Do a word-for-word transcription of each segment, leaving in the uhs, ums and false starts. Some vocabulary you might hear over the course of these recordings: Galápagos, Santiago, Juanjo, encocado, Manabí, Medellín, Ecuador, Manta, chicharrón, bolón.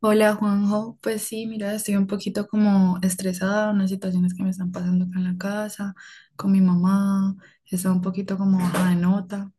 Hola Juanjo, pues sí, mira, estoy un poquito como estresada, unas situaciones que me están pasando acá en la casa, con mi mamá, está un poquito como baja de nota.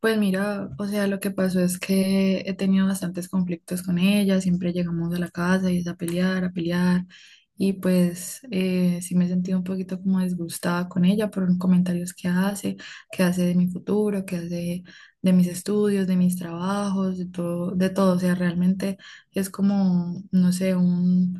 Pues mira, o sea, lo que pasó es que he tenido bastantes conflictos con ella, siempre llegamos a la casa y es a pelear, a pelear, y pues eh, sí me he sentido un poquito como disgustada con ella por comentarios que hace, que hace de mi futuro, que hace de mis estudios, de mis trabajos, de todo, de todo, o sea, realmente es como, no sé, un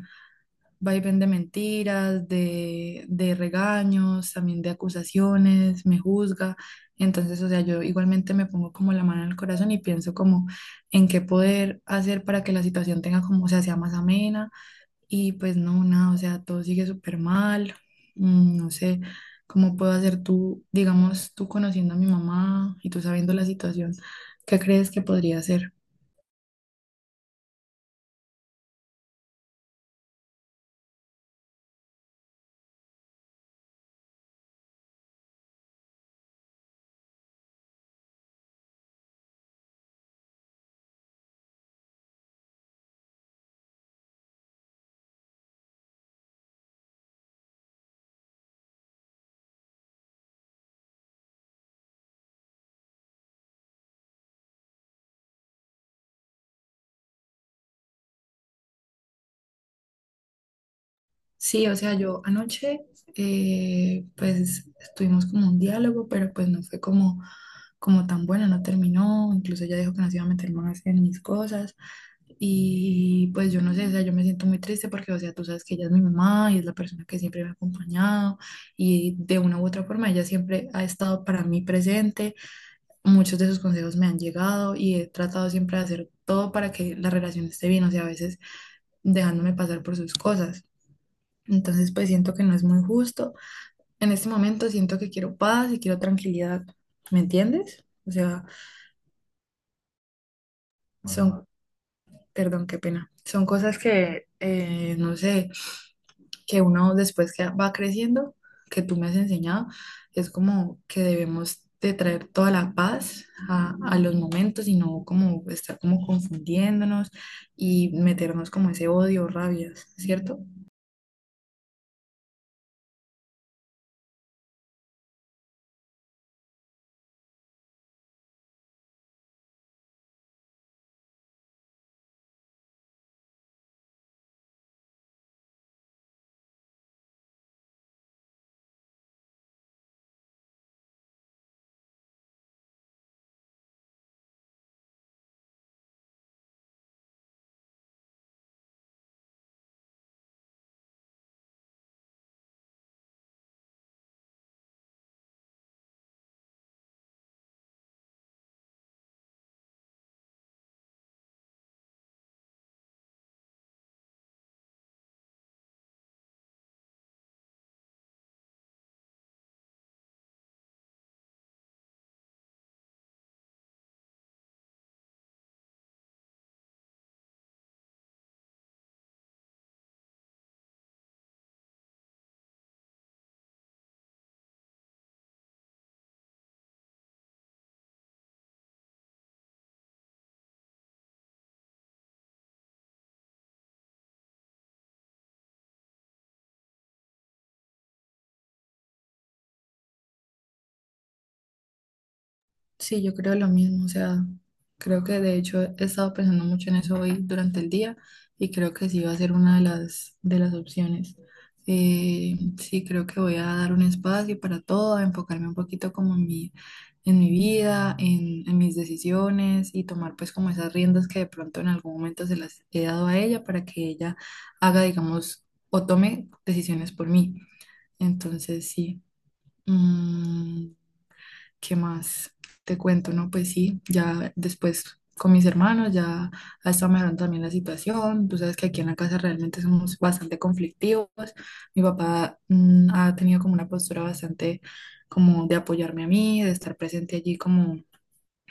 vaivén de mentiras, de, de regaños, también de acusaciones, me juzga. Entonces, o sea, yo igualmente me pongo como la mano en el corazón y pienso como en qué poder hacer para que la situación tenga como, o sea, sea más amena. Y pues no, nada, o sea, todo sigue súper mal. Mm, no sé cómo puedo hacer, tú, digamos, tú conociendo a mi mamá y tú sabiendo la situación, ¿qué crees que podría hacer? Sí, o sea, yo anoche eh, pues tuvimos como un diálogo, pero pues no fue como, como tan bueno, no terminó, incluso ella dijo que no se iba a meter más en mis cosas y pues yo no sé, o sea, yo me siento muy triste porque, o sea, tú sabes que ella es mi mamá y es la persona que siempre me ha acompañado y de una u otra forma ella siempre ha estado para mí presente, muchos de sus consejos me han llegado y he tratado siempre de hacer todo para que la relación esté bien, o sea, a veces dejándome pasar por sus cosas. Entonces, pues siento que no es muy justo. En este momento siento que quiero paz y quiero tranquilidad. ¿Me entiendes? O sea, son, perdón, qué pena. Son cosas que, eh, no sé, que uno después que va creciendo, que tú me has enseñado, es como que debemos de traer toda la paz a, a los momentos y no como estar como confundiéndonos y meternos como ese odio, rabias, ¿cierto? Sí, yo creo lo mismo, o sea, creo que de hecho he estado pensando mucho en eso hoy durante el día y creo que sí va a ser una de las, de las opciones. Eh, sí, creo que voy a dar un espacio para todo, a enfocarme un poquito como en mi, en mi vida, en, en mis decisiones y tomar pues como esas riendas que de pronto en algún momento se las he dado a ella para que ella haga, digamos, o tome decisiones por mí. Entonces, sí. Mm, ¿qué más te cuento? No, pues sí, ya después con mis hermanos ya ha estado mejorando también la situación. Tú sabes que aquí en la casa realmente somos bastante conflictivos. Mi papá, mm, ha tenido como una postura bastante como de apoyarme a mí, de estar presente allí como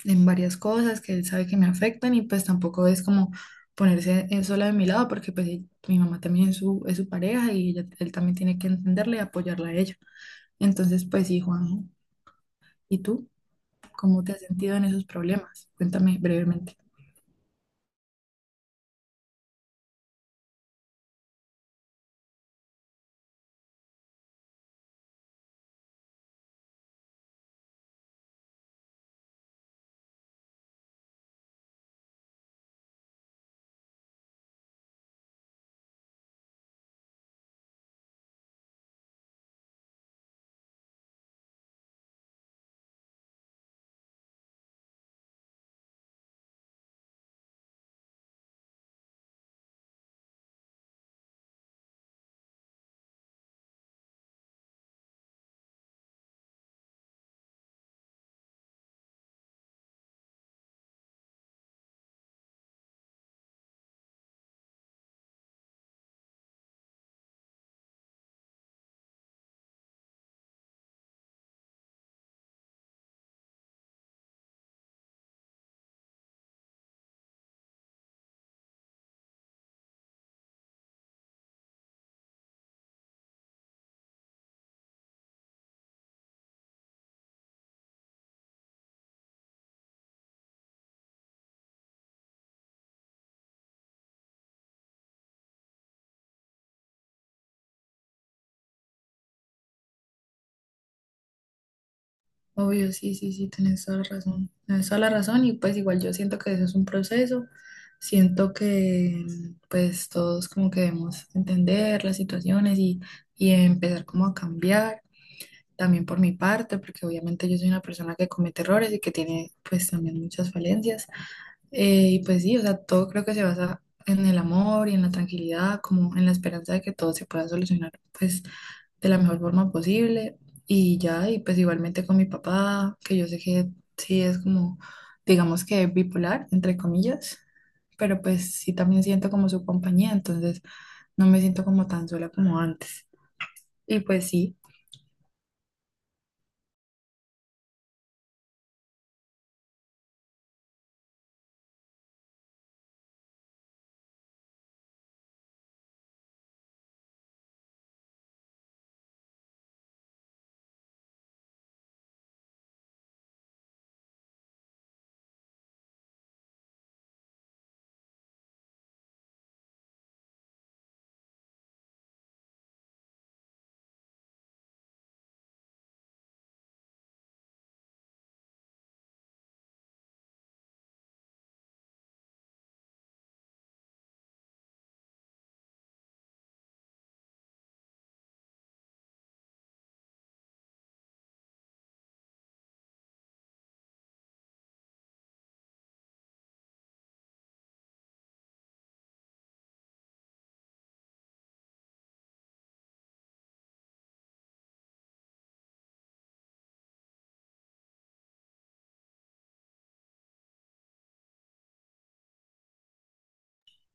en varias cosas que él sabe que me afectan y pues tampoco es como ponerse él sola de mi lado porque pues él- mi mamá también es su, es su pareja y ella- él también tiene que entenderle y apoyarla a ella. Entonces, pues sí, Juan, ¿y tú? ¿Cómo te has sentido en esos problemas? Cuéntame brevemente. Obvio, sí, sí, sí, tienes toda la razón. Tienes toda la razón y pues igual yo siento que eso es un proceso. Siento que pues todos como que debemos entender las situaciones y, y empezar como a cambiar. También por mi parte, porque obviamente yo soy una persona que comete errores y que tiene pues también muchas falencias. Eh, y pues sí, o sea, todo creo que se basa en el amor y en la tranquilidad, como en la esperanza de que todo se pueda solucionar, pues, de la mejor forma posible. Y ya, y pues igualmente con mi papá, que yo sé que sí es como, digamos que bipolar, entre comillas, pero pues sí también siento como su compañía, entonces no me siento como tan sola como antes. Y pues sí.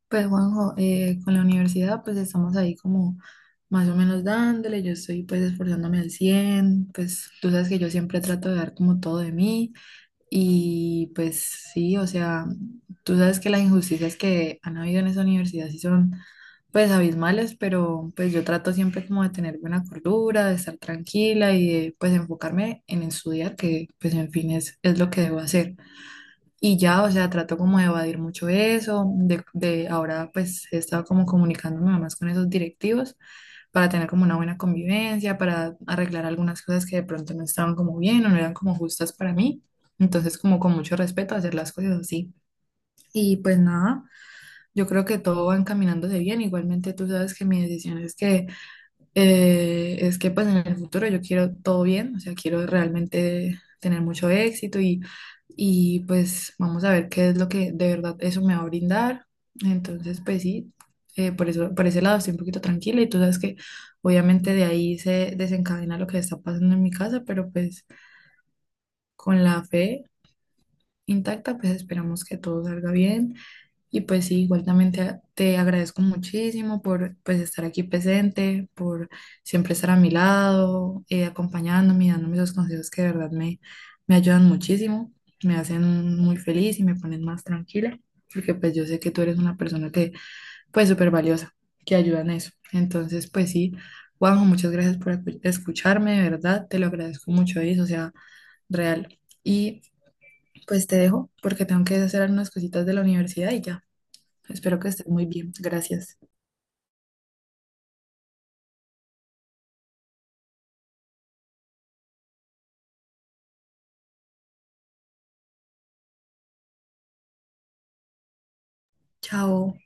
Pues Juanjo, eh, con la universidad pues estamos ahí como más o menos dándole, yo estoy pues esforzándome al cien pues tú sabes que yo siempre trato de dar como todo de mí y pues sí, o sea, tú sabes que las injusticias que han habido en esa universidad sí son pues abismales, pero pues yo trato siempre como de tener buena cordura, de estar tranquila y de pues enfocarme en estudiar, que pues en fin es, es lo que debo hacer. Y ya, o sea, trato como de evadir mucho eso, de, de ahora pues he estado como comunicándome más con esos directivos para tener como una buena convivencia, para arreglar algunas cosas que de pronto no estaban como bien o no eran como justas para mí. Entonces como con mucho respeto hacer las cosas así. Y pues nada, yo creo que todo va encaminándose bien. Igualmente tú sabes que mi decisión es que eh, es que pues en el futuro yo quiero todo bien, o sea, quiero realmente tener mucho éxito y, y pues vamos a ver qué es lo que de verdad eso me va a brindar. Entonces, pues sí, eh, por eso, por ese lado estoy un poquito tranquila y tú sabes que obviamente de ahí se desencadena lo que está pasando en mi casa, pero pues con la fe intacta, pues esperamos que todo salga bien. Y pues sí, igual también te, te agradezco muchísimo por pues estar aquí presente, por siempre estar a mi lado, eh, acompañándome y dándome esos consejos que de verdad me, me ayudan muchísimo, me hacen muy feliz y me ponen más tranquila, porque pues yo sé que tú eres una persona que pues súper valiosa, que ayuda en eso. Entonces pues sí, Juanjo, muchas gracias por acu- escucharme, de verdad, te lo agradezco mucho, eso, o sea, real. Y pues te dejo porque tengo que hacer algunas cositas de la universidad y ya. Espero que estés muy bien. Gracias. Chao.